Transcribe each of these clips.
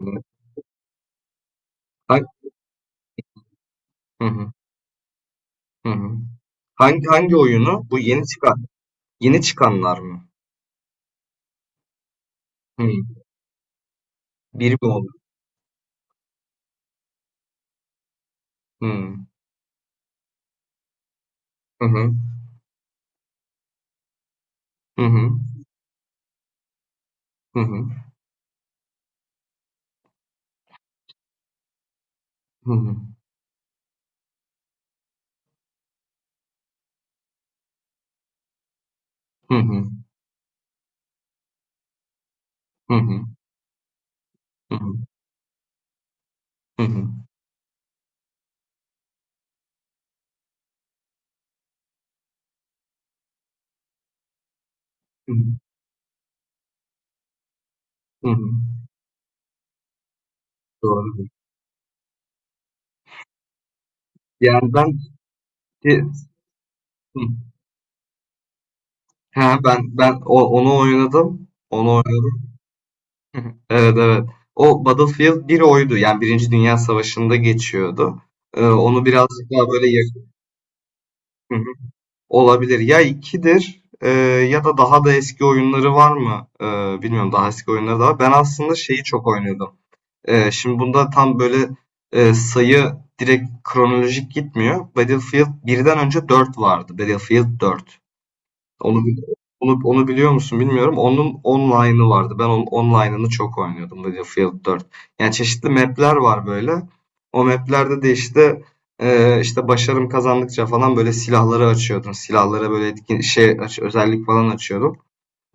Hıı. Hı hı. Hı hı. Hangi oyunu? Bu yeni çıkanlar mı? Hıı. Biri mi oldu? Hıı. Hı hı. Hı hı. Hı hı. Hı hı. Hı hı. Hı hı. Hı hı. Hı hı. Hı hı. Hı hı. Doğrudur. Yani ben... Hı. Ha, ben onu oynadım. Onu oynadım. Hı hı. Evet, evet. O Battlefield bir oydu. Yani birinci Dünya Savaşı'nda geçiyordu. Onu birazcık daha böyle yakın... Olabilir. Ya 2'dir, ya da daha da eski oyunları var mı? Bilmiyorum, daha eski oyunları da var. Ben aslında şeyi çok oynuyordum. Şimdi bunda tam böyle sayı direkt kronolojik gitmiyor. Battlefield birden önce 4 vardı. Battlefield dört, onu bil- onu biliyor musun bilmiyorum. Onun online'ı vardı. Ben onun online'ını çok oynuyordum, Battlefield 4. Yani çeşitli map'ler var böyle. O map'lerde de işte işte başarım kazandıkça falan böyle silahları açıyordun. Silahlara böyle etkin özellik falan açıyordun.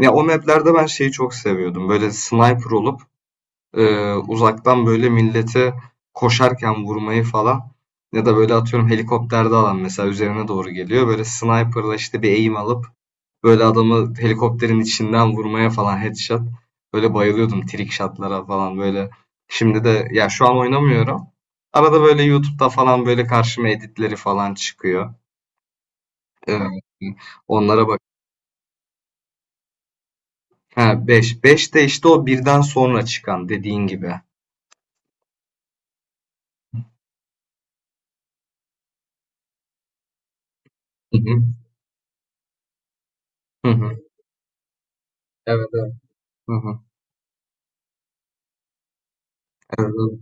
Ya o map'lerde ben şeyi çok seviyordum. Böyle sniper olup uzaktan böyle milleti koşarken vurmayı falan. Ya da böyle atıyorum, helikopterde alan mesela üzerine doğru geliyor. Böyle sniper'la işte bir aim alıp böyle adamı helikopterin içinden vurmaya falan, headshot. Böyle bayılıyordum trick shot'lara falan böyle. Şimdi de ya şu an oynamıyorum. Arada böyle YouTube'da falan böyle karşıma editleri falan çıkıyor. Ee, Onlara bak. Ha, 5 de işte o birden sonra çıkan, dediğin gibi. Hı hı. Hı hı. Evet evet. Hı hı. Evet evet.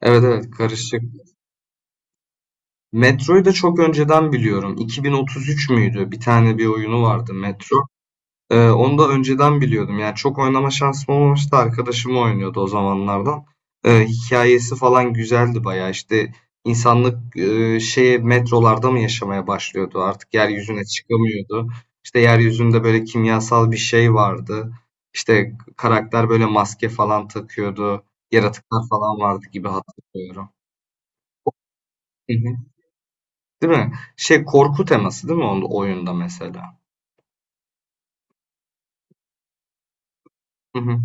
Evet evet, karışık. Metro'yu da çok önceden biliyorum. 2033 müydü? Bir tane bir oyunu vardı, Metro. Onu da önceden biliyordum. Yani çok oynama şansım olmamıştı. Arkadaşım oynuyordu o zamanlardan. Hikayesi falan güzeldi bayağı. İşte insanlık şeye, metrolarda mı yaşamaya başlıyordu? Artık yeryüzüne çıkamıyordu. İşte yeryüzünde böyle kimyasal bir şey vardı. İşte karakter böyle maske falan takıyordu. Yaratıklar falan vardı gibi hatırlıyorum. Hı hı. Değil mi? Şey, korku teması değil mi onun oyunda mesela? Hı hı.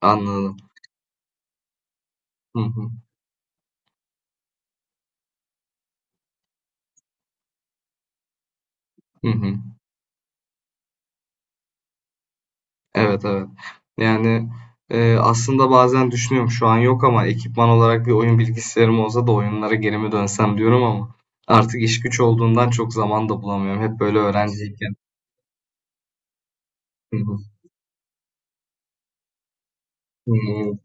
Anladım. Hı hı. Hı hı. Evet evet. Yani aslında bazen düşünüyorum, şu an yok ama ekipman olarak bir oyun bilgisayarım olsa da oyunlara geri mi dönsem diyorum, ama artık iş güç olduğundan çok zaman da bulamıyorum. Hep böyle öğrenciyken... Hı.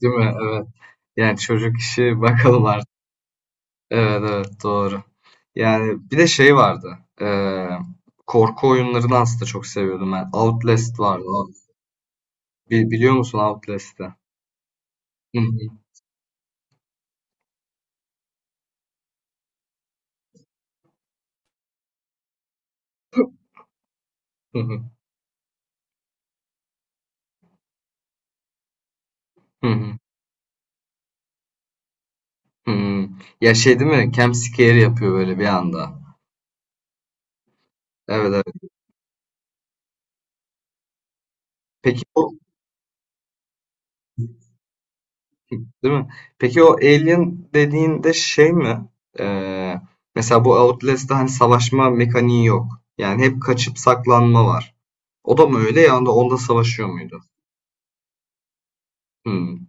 Değil mi? Evet. Yani çocuk işi bakalım artık. Evet evet, doğru. Yani bir de şey vardı. Korku oyunlarını aslında çok seviyordum ben. Outlast vardı. Biliyor musun Outlast'ı? Hı hı. Hı hı. Hı hı. Hımm. Ya, şey değil mi? Jumpscare yapıyor böyle bir anda. Evet, evet. Peki o değil mi? Peki o Alien dediğinde şey mi? Eee, Mesela bu Outlast'ta hani savaşma mekaniği yok. Yani hep kaçıp saklanma var. O da mı öyle? Yani onda savaşıyor muydu? Hımm,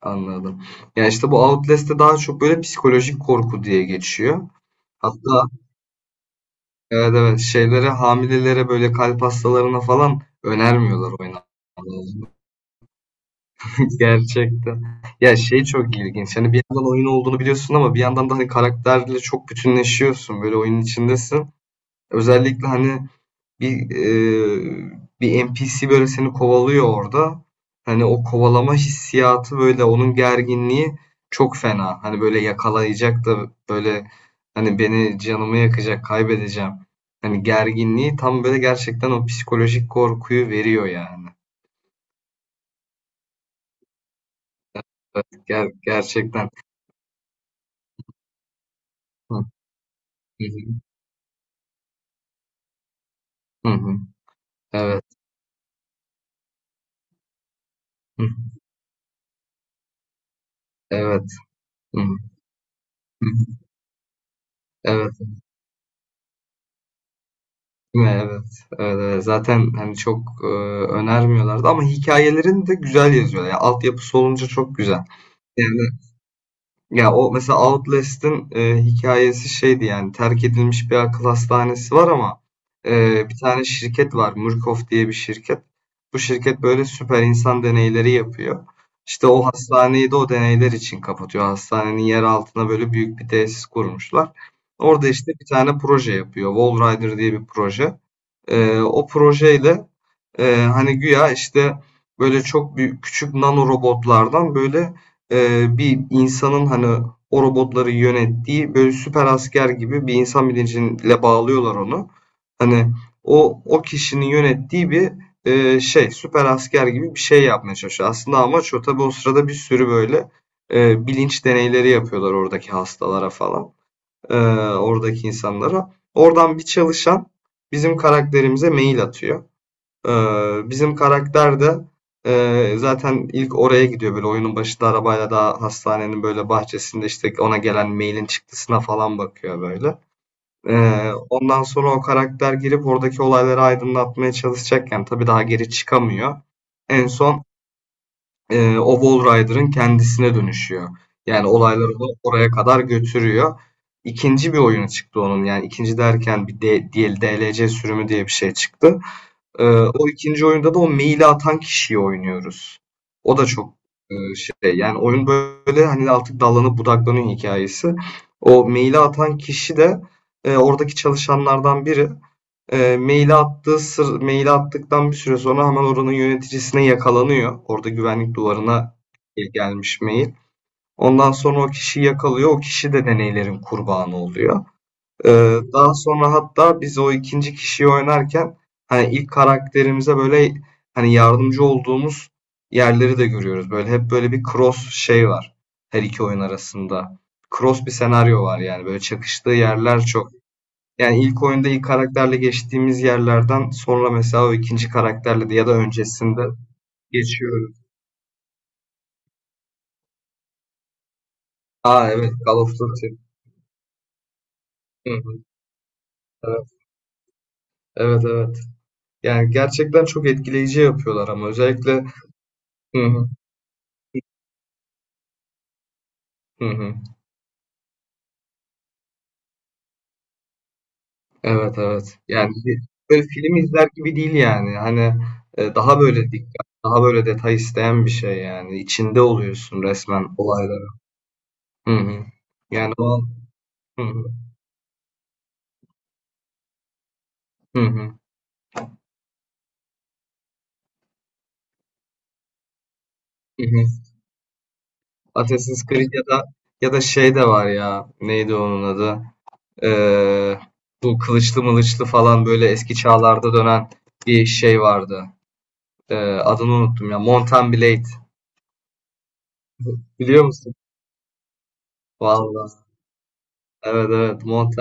anladım. Yani işte, bu Outlast'te daha çok böyle psikolojik korku diye geçiyor. Hatta... Evet, evet. Şeylere, hamilelere, böyle kalp hastalarına falan önermiyorlar oynamayı. Gerçekten. Ya şey çok ilginç. Hani bir yandan oyun olduğunu biliyorsun ama bir yandan da hani karakterle çok bütünleşiyorsun. Böyle oyunun içindesin. Özellikle hani bir e, bir NPC böyle seni kovalıyor orada. Hani o kovalama hissiyatı, böyle onun gerginliği çok fena. Hani böyle yakalayacak da, böyle hani beni, canımı yakacak, kaybedeceğim. Hani gerginliği tam böyle, gerçekten o psikolojik korkuyu veriyor yani. Gerçekten. Hı hı. Hı hı. Evet. Hıh. Evet. Hıh. Hıh. Evet. Değil mi? Evet. Evet, evet. Zaten hani çok, eee, önermiyorlardı ama hikâyelerini de güzel yazıyorlar. Ya, altyapısı olunca çok güzel. Yani... Ya o mesela Outlast'ın hikayesi şeydi, yani terk edilmiş bir akıl hastanesi var ama bir tane şirket var, Murkoff diye bir şirket. Bu şirket böyle süper insan deneyleri yapıyor. İşte o hastaneyi de o deneyler için kapatıyor. Hastanenin yer altına böyle büyük bir tesis kurmuşlar. Orada işte bir tane proje yapıyor, Wall Rider diye bir proje. O projeyle... Hani güya işte böyle çok büyük küçük nano robotlardan böyle bir insanın hani o robotları yönettiği, böyle süper asker gibi, bir insan bilinciyle bağlıyorlar onu. Hani o kişinin yönettiği bir şey, süper asker gibi bir şey yapmaya çalışıyor. Aslında amaç o. Tabii o sırada bir sürü böyle bilinç deneyleri yapıyorlar oradaki hastalara falan. Eee, Oradaki insanlara. Oradan bir çalışan bizim karakterimize mail atıyor. Bizim karakter de zaten ilk oraya gidiyor, böyle oyunun başında arabayla, daha hastanenin böyle bahçesinde işte ona gelen mailin çıktısına falan bakıyor böyle. Ondan sonra o karakter girip oradaki olayları aydınlatmaya çalışacakken, tabii daha geri çıkamıyor. En son o Wall Rider'ın kendisine dönüşüyor. Yani olayları da oraya kadar götürüyor. İkinci bir oyunu çıktı onun, yani ikinci derken bir D- DL DLC sürümü diye bir şey çıktı. Ee, O ikinci oyunda da o maili atan kişiyi oynuyoruz. O da çok şey, yani oyun böyle hani artık dallanıp budaklanıyor hikayesi. O maili atan kişi de oradaki çalışanlardan biri. Maili attıktan bir süre sonra hemen oranın yöneticisine yakalanıyor. Orada güvenlik duvarına gelmiş mail. Ondan sonra o kişiyi yakalıyor. O kişi de deneylerin kurbanı oluyor. Ee, Daha sonra hatta biz o ikinci kişiyi oynarken hani ilk karakterimize böyle hani yardımcı olduğumuz yerleri de görüyoruz. Böyle hep böyle bir cross şey var her iki oyun arasında. Cross bir senaryo var yani, böyle çakıştığı yerler çok. Yani ilk oyunda ilk karakterle geçtiğimiz yerlerden sonra mesela o ikinci karakterle de, ya da öncesinde geçiyoruz. Aa, evet, Call of Duty. Hı hı, evet evet evet. Yani gerçekten çok etkileyici yapıyorlar ama özellikle, hı hı, hı hı. Evet, evet. Yani bir böyle film izler gibi değil yani. Hani daha böyle dikkat, daha böyle detay isteyen bir şey yani. İçinde oluyorsun resmen olayların. Hı hı. Yani o... Hı hı. Hı hı. Hı hı. Assassin's Creed, ya da şey de var ya, neydi onun adı? Eee, Bu kılıçlı mılıçlı falan böyle eski çağlarda dönen bir şey vardı. Eee, Adını unuttum ya. Mount Blade. Biliyor musun? Vallahi. Evet, evet. Mount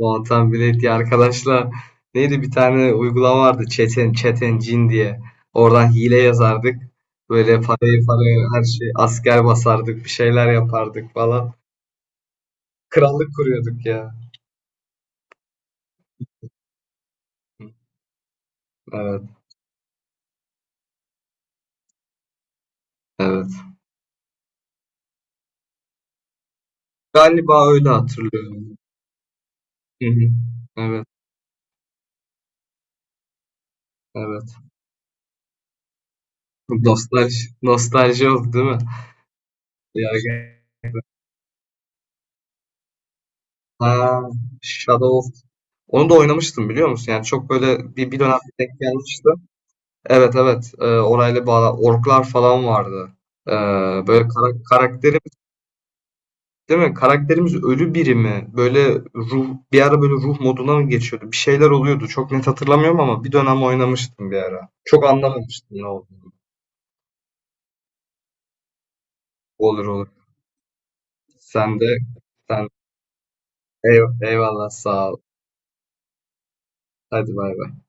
Volatan Bilek arkadaşlar, neydi, bir tane uygulama vardı Çeten Çeten Cin diye. Oradan hile yazardık. Böyle parayı parayı, her şey, asker basardık, bir şeyler yapardık falan. Krallık kuruyorduk ya. Evet, evet. Galiba öyle hatırlıyorum. Hı hı. Evet, evet. Nostalji oldu değil mi? Ya, ha, Shadow of... Onu da oynamıştım, biliyor musun? Yani çok böyle bir dönem denk gelmişti. Evet evet. Orayla bağlı. Orklar falan vardı. Ee, Böyle karakterimiz değil mi? Karakterimiz ölü biri mi? Böyle ruh, bir ara böyle ruh moduna mı geçiyordu? Bir şeyler oluyordu. Çok net hatırlamıyorum ama bir dönem oynamıştım bir ara. Çok anlamamıştım ne oldu. Olur olur. Sen de, sen eyvallah, sağ ol. Hadi bay bay.